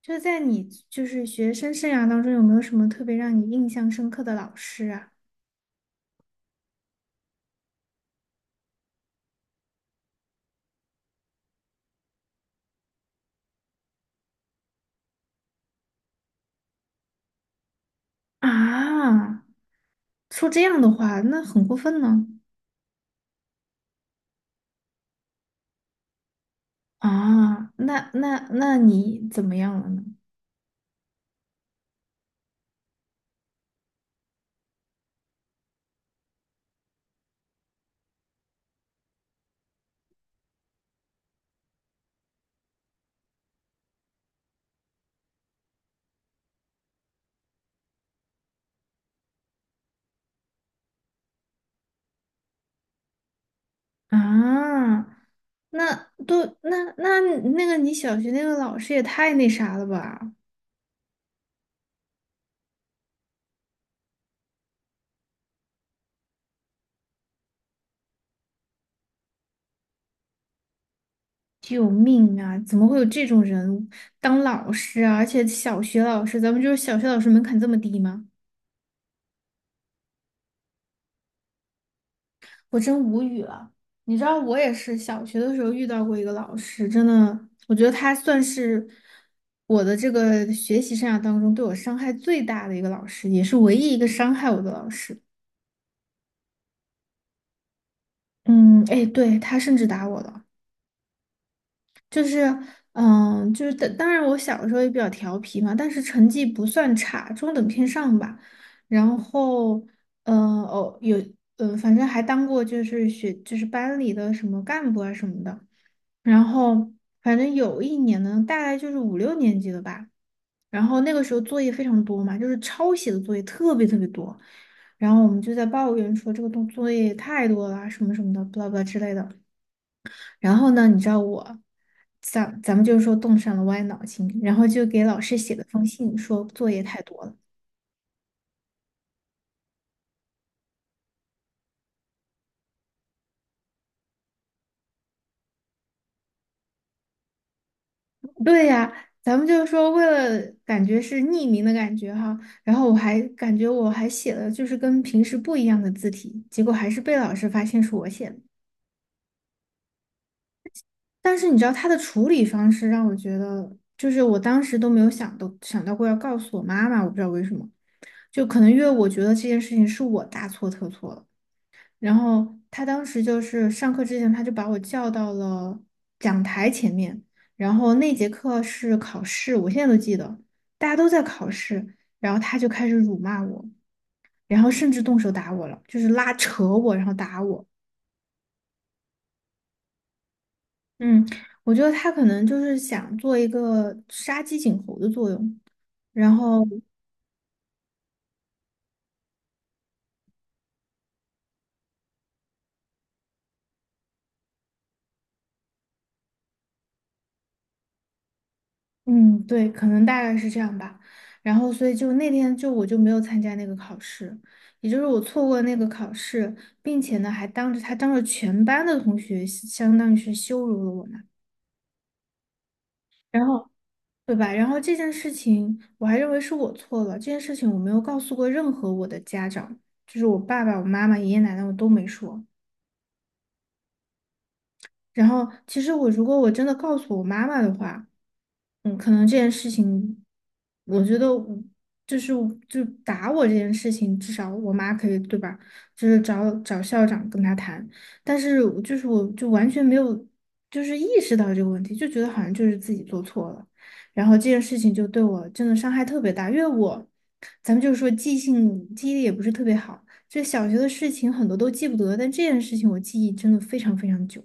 就在你就是学生生涯当中，有没有什么特别让你印象深刻的老师啊？啊，说这样的话，那很过分呢。啊，那你怎么样了呢？啊，那那个你小学那个老师也太那啥了吧！救命啊！怎么会有这种人当老师啊？而且小学老师，咱们就是小学老师门槛这么低吗？我真无语了。你知道，我也是小学的时候遇到过一个老师，真的，我觉得他算是我的这个学习生涯当中对我伤害最大的一个老师，也是唯一一个伤害我的老师。嗯，哎，对，他甚至打我了，就是，就是当然我小的时候也比较调皮嘛，但是成绩不算差，中等偏上吧。然后，哦，有，反正还当过就是就是班里的什么干部啊什么的。然后反正有一年呢，大概就是五六年级了吧。然后那个时候作业非常多嘛，就是抄写的作业特别特别多。然后我们就在抱怨说这个东作业太多了啊什么什么的，不啦不啦之类的。然后呢，你知道我，咱们就是说动上了歪脑筋，然后就给老师写了封信，说作业太多了。对呀，咱们就是说，为了感觉是匿名的感觉哈，然后我还感觉我还写了就是跟平时不一样的字体，结果还是被老师发现是我写的。但是你知道他的处理方式让我觉得，就是我当时都没有想到过要告诉我妈妈，我不知道为什么，就可能因为我觉得这件事情是我大错特错了。然后他当时就是上课之前，他就把我叫到了讲台前面。然后那节课是考试，我现在都记得，大家都在考试，然后他就开始辱骂我，然后甚至动手打我了，就是拉扯我，然后打我。嗯，我觉得他可能就是想做一个杀鸡儆猴的作用。然后嗯，对，可能大概是这样吧。然后，所以就那天就我就没有参加那个考试，也就是我错过了那个考试，并且呢还当着他当着全班的同学，相当于是羞辱了我嘛。然后，对吧？然后这件事情我还认为是我错了，这件事情我没有告诉过任何我的家长，就是我爸爸、我妈妈、爷爷奶奶我都没说。然后，其实如果我真的告诉我妈妈的话。嗯，可能这件事情，我觉得我就是就打我这件事情，至少我妈可以，对吧？就是找找校长跟他谈，但是我就完全没有就是意识到这个问题，就觉得好像就是自己做错了，然后这件事情就对我真的伤害特别大，因为我咱们就是说记忆力也不是特别好，就小学的事情很多都记不得，但这件事情我记忆真的非常非常久，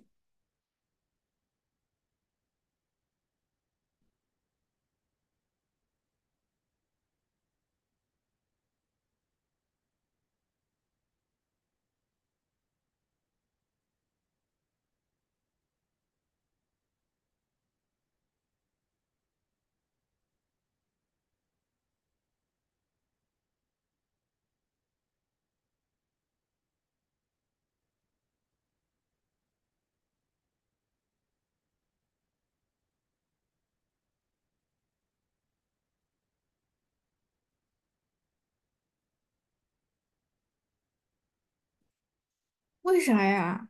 为啥呀？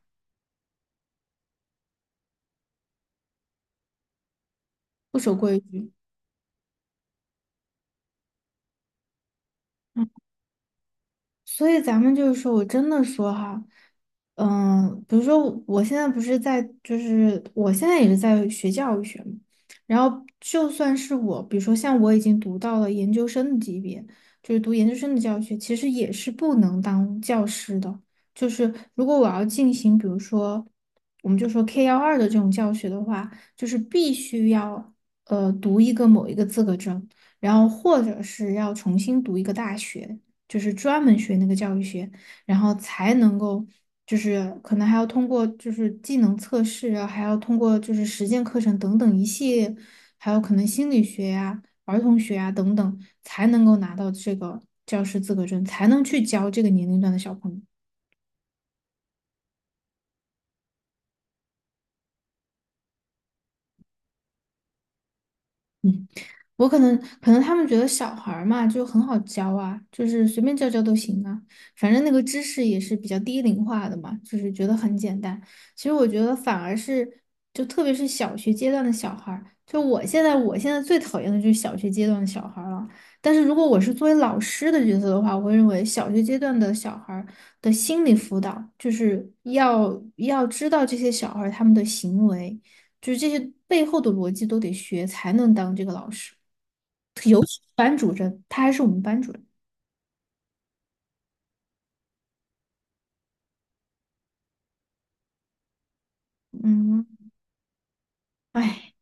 不守规矩。所以咱们就是说，我真的说哈，比如说我现在不是在，就是我现在也是在学教育学嘛，然后就算是我，比如说像我已经读到了研究生的级别，就是读研究生的教育学，其实也是不能当教师的。就是如果我要进行，比如说我们就说 K12的这种教学的话，就是必须要读某一个资格证，然后或者是要重新读一个大学。就是专门学那个教育学，然后才能够，就是可能还要通过就是技能测试啊，还要通过就是实践课程等等一系列，还有可能心理学呀、儿童学呀等等，才能够拿到这个教师资格证，才能去教这个年龄段的小朋友。嗯我可能可能他们觉得小孩儿嘛就很好教啊，就是随便教教都行啊，反正那个知识也是比较低龄化的嘛，就是觉得很简单。其实我觉得反而是就特别是小学阶段的小孩儿，就我现在最讨厌的就是小学阶段的小孩儿了。但是如果我是作为老师的角色的话，我会认为小学阶段的小孩儿的心理辅导就是要知道这些小孩儿他们的行为。就是这些背后的逻辑都得学，才能当这个老师。班主任，他还是我们班主任。嗯，哎，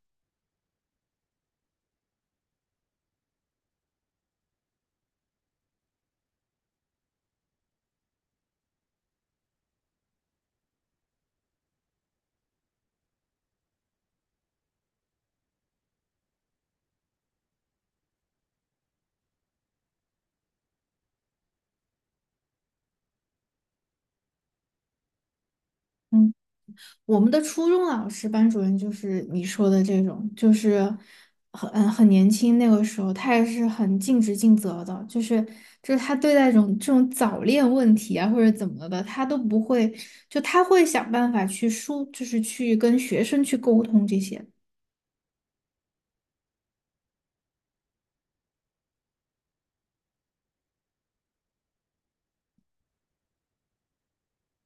嗯，我们的初中老师班主任就是你说的这种，就是很很年轻那个时候，他也是很尽职尽责的，就是就是他对待这种这种早恋问题啊或者怎么的，他都不会，就他会想办法就是去跟学生去沟通这些。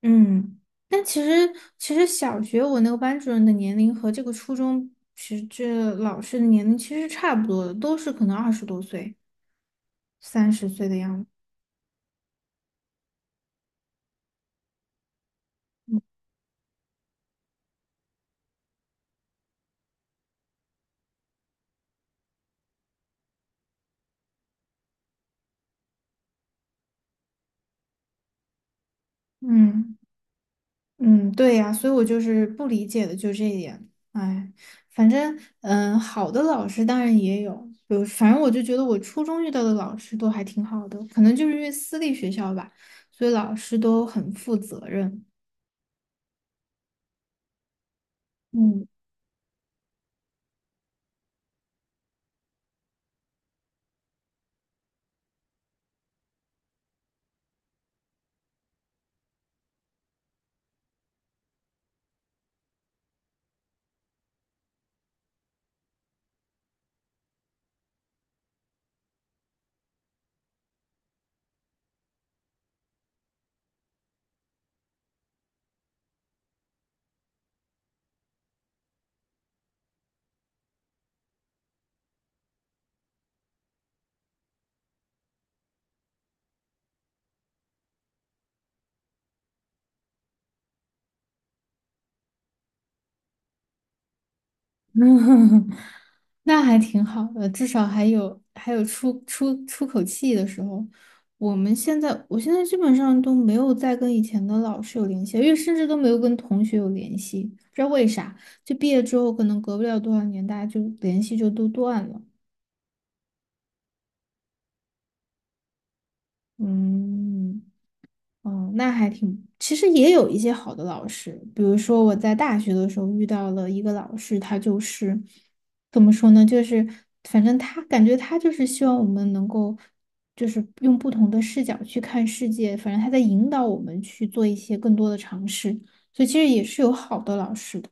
嗯，但其实小学我那个班主任的年龄和这个初中其实这老师的年龄其实差不多的，都是可能20多岁、30岁的样子。嗯嗯，对呀，所以我就是不理解的就这一点。哎，反正好的老师当然也有，比如反正我就觉得我初中遇到的老师都还挺好的，可能就是因为私立学校吧，所以老师都很负责任。嗯。那还挺好的，至少还有出口气的时候。我现在基本上都没有再跟以前的老师有联系，因为甚至都没有跟同学有联系，不知道为啥。就毕业之后，可能隔不了多少年，大家就联系就都断了。嗯。哦，那还挺，其实也有一些好的老师，比如说我在大学的时候遇到了一个老师，他就是怎么说呢，就是反正他感觉他就是希望我们能够，就是用不同的视角去看世界，反正他在引导我们去做一些更多的尝试，所以其实也是有好的老师的。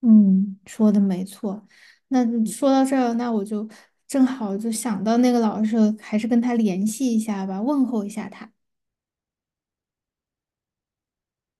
嗯，说的没错。那说到这儿，那我就正好就想到那个老师了还是跟他联系一下吧，问候一下他。